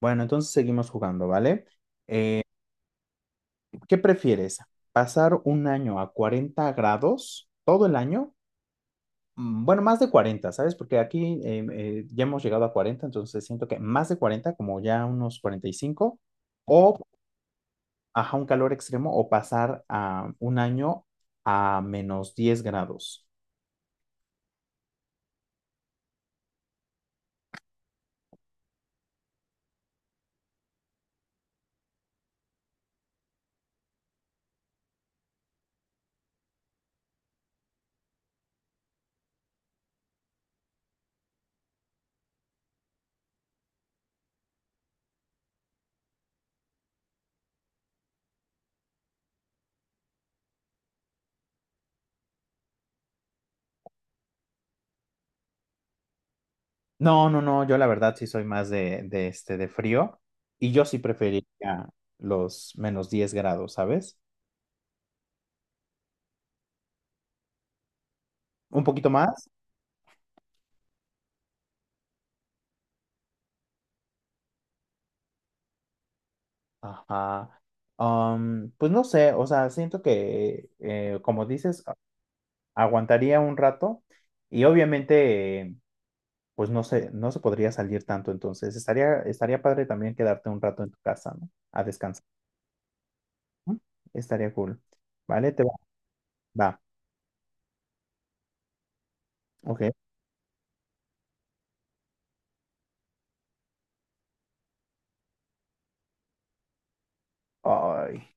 Bueno, entonces seguimos jugando, ¿vale? ¿Qué prefieres? ¿Pasar un año a 40 grados todo el año? Bueno, más de 40, ¿sabes? Porque aquí ya hemos llegado a 40, entonces siento que más de 40, como ya unos 45, o ajá, un calor extremo, o pasar a un año a -10 grados. No, no, no, yo la verdad sí soy más de este, de frío, y yo sí preferiría los -10 grados, ¿sabes? Un poquito más. Ajá. Pues no sé, o sea, siento que, como dices, aguantaría un rato y obviamente, pues no sé, no se podría salir tanto, entonces estaría padre también quedarte un rato en tu casa, ¿no? A descansar, ¿no? Estaría cool. ¿Vale? Te va. Va. Ok. Ay,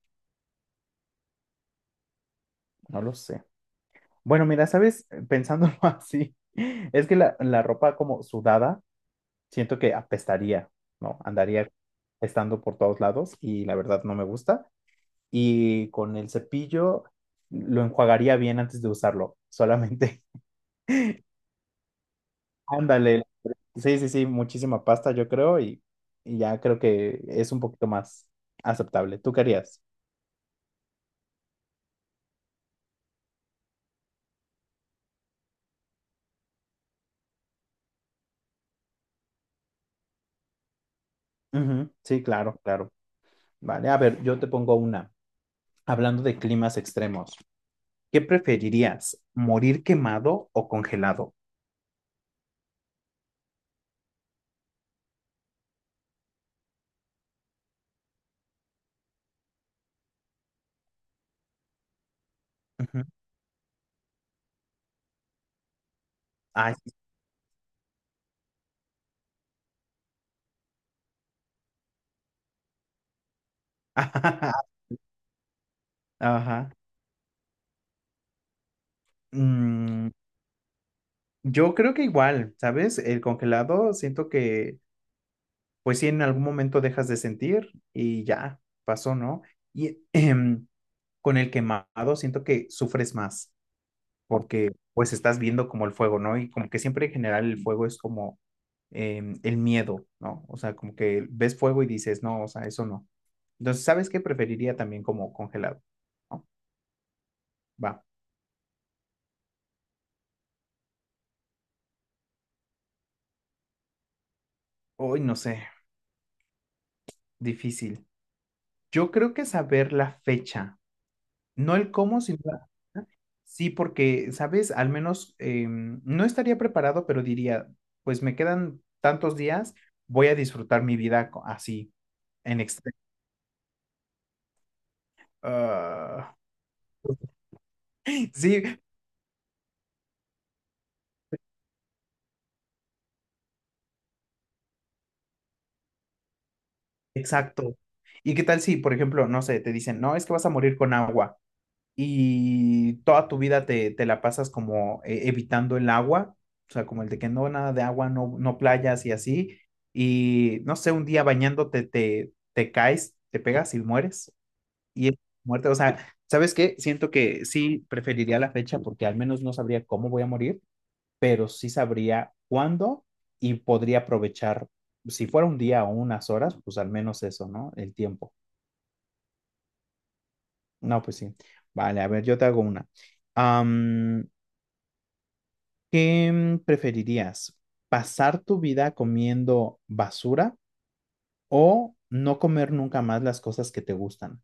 no lo sé. Bueno, mira, ¿sabes? Pensándolo así, es que la ropa como sudada, siento que apestaría, ¿no? Andaría estando por todos lados y la verdad no me gusta. Y con el cepillo lo enjuagaría bien antes de usarlo, solamente. Ándale. Sí, sí, sí, muchísima pasta yo creo y ya creo que es un poquito más aceptable. ¿Tú querías? Ujú, sí, claro, claro. Vale, a ver, yo te pongo una. Hablando de climas extremos, ¿qué preferirías? ¿Morir quemado o congelado? Ujú. Ay, sí. Ajá. Mm, yo creo que igual, ¿sabes? El congelado siento que pues sí, en algún momento dejas de sentir y ya, pasó, ¿no? Y con el quemado siento que sufres más porque pues estás viendo como el fuego, ¿no? Y como que siempre en general el fuego es como el miedo, ¿no? O sea, como que ves fuego y dices, no, o sea, eso no. Entonces, ¿sabes qué preferiría también como congelado? ¿No? Va. Hoy no sé, difícil. Yo creo que saber la fecha, no el cómo, sino sí, porque, ¿sabes? Al menos no estaría preparado, pero diría, pues me quedan tantos días, voy a disfrutar mi vida así, en extremo. Ah, sí, exacto. ¿Y qué tal si, por ejemplo, no sé, te dicen, no, es que vas a morir con agua y toda tu vida te la pasas como evitando el agua, o sea, como el de que no, nada de agua, no, no playas y así, y no sé, un día bañándote te caes, te pegas y mueres. Y es muerte, o sea, ¿sabes qué? Siento que sí preferiría la fecha porque al menos no sabría cómo voy a morir, pero sí sabría cuándo y podría aprovechar, si fuera un día o unas horas, pues al menos eso, ¿no? El tiempo. No, pues sí. Vale, a ver, yo te hago una. Am, ¿Qué preferirías? ¿Pasar tu vida comiendo basura o no comer nunca más las cosas que te gustan?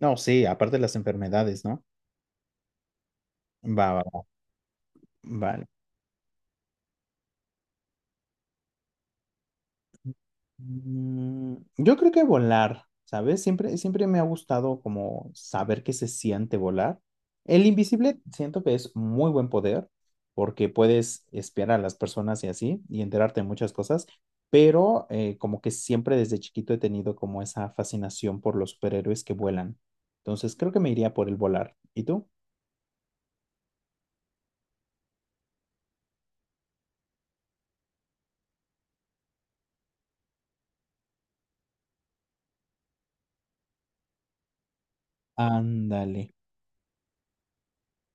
No, sí, aparte de las enfermedades, ¿no? Va, va, va. Vale. Yo creo que volar, ¿sabes? Siempre, siempre me ha gustado como saber qué se siente volar. El invisible siento que es muy buen poder porque puedes espiar a las personas y así y enterarte de muchas cosas, pero como que siempre desde chiquito he tenido como esa fascinación por los superhéroes que vuelan. Entonces creo que me iría por el volar. ¿Y tú? Ándale.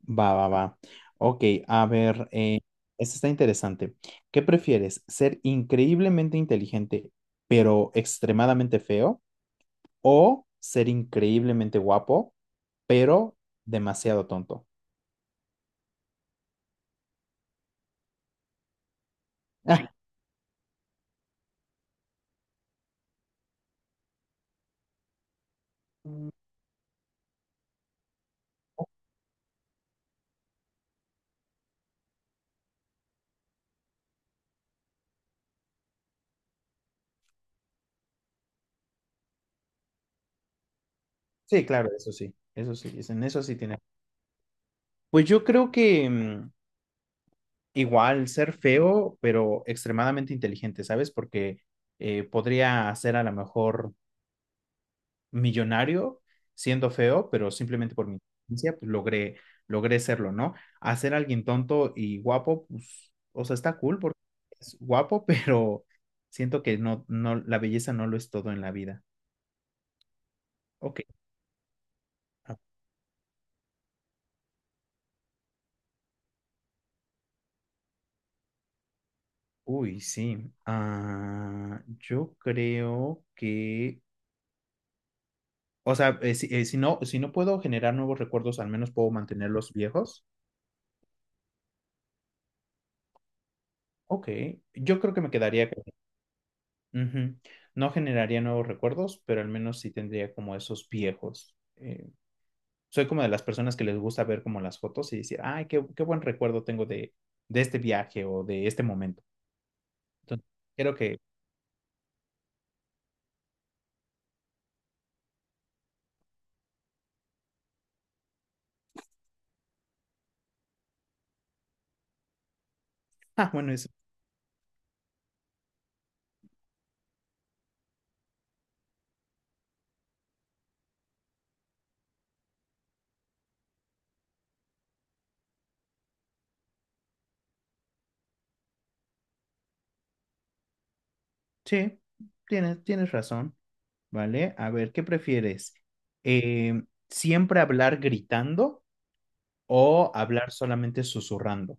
Va, va, va. Ok, a ver, esto está interesante. ¿Qué prefieres? ¿Ser increíblemente inteligente, pero extremadamente feo? ¿O ser increíblemente guapo, pero demasiado tonto? Ah, sí, claro, eso sí, en eso sí tiene. Pues yo creo que igual ser feo, pero extremadamente inteligente, ¿sabes? Porque podría hacer a lo mejor millonario siendo feo, pero simplemente por mi inteligencia, pues logré, logré serlo, ¿no? Hacer a alguien tonto y guapo, pues, o sea, está cool porque es guapo, pero siento que no, no, la belleza no lo es todo en la vida. Ok. Ah, uy, sí. Ah, yo creo que, o sea, si no puedo generar nuevos recuerdos, al menos puedo mantener los viejos. Ok. Yo creo que me quedaría. Ujú. No generaría nuevos recuerdos, pero al menos sí tendría como esos viejos. Soy como de las personas que les gusta ver como las fotos y decir, ay, qué, qué buen recuerdo tengo de este viaje o de este momento. Entonces, creo que, ah, bueno, eso sí, tienes razón, ¿vale? A ver, ¿qué prefieres? Eh, ¿Siempre hablar gritando o hablar solamente susurrando?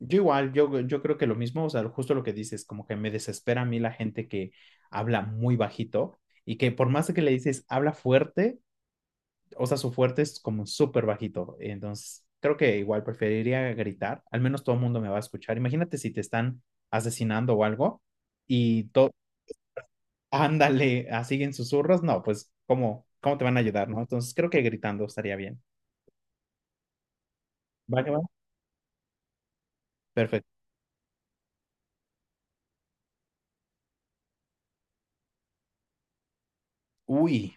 Yo igual, yo creo que lo mismo, o sea, justo lo que dices, como que me desespera a mí la gente que habla muy bajito y que por más que le dices habla fuerte, o sea, su fuerte es como súper bajito. Entonces, creo que igual preferiría gritar, al menos todo el mundo me va a escuchar. Imagínate si te están asesinando o algo y todo, ándale, así en susurros, no, pues, ¿cómo, cómo te van a ayudar, no? Entonces, creo que gritando estaría bien. ¿Va que va? Perfecto. Uy.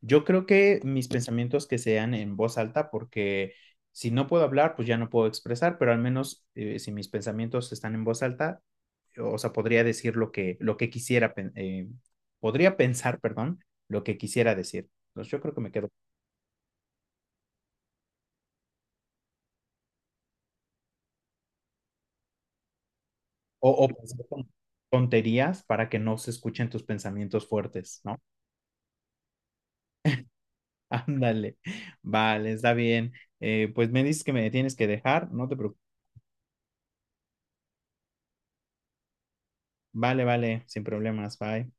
Yo creo que mis pensamientos que sean en voz alta, porque si no puedo hablar, pues ya no puedo expresar, pero al menos si mis pensamientos están en voz alta, o sea, podría decir lo que quisiera, podría pensar, perdón, lo que quisiera decir. Entonces yo creo que me quedo. O pensar con tonterías para que no se escuchen tus pensamientos fuertes, ¿no? Ándale, vale, está bien. Pues me dices que me tienes que dejar, no te preocupes. Vale, vale, sin problemas, bye.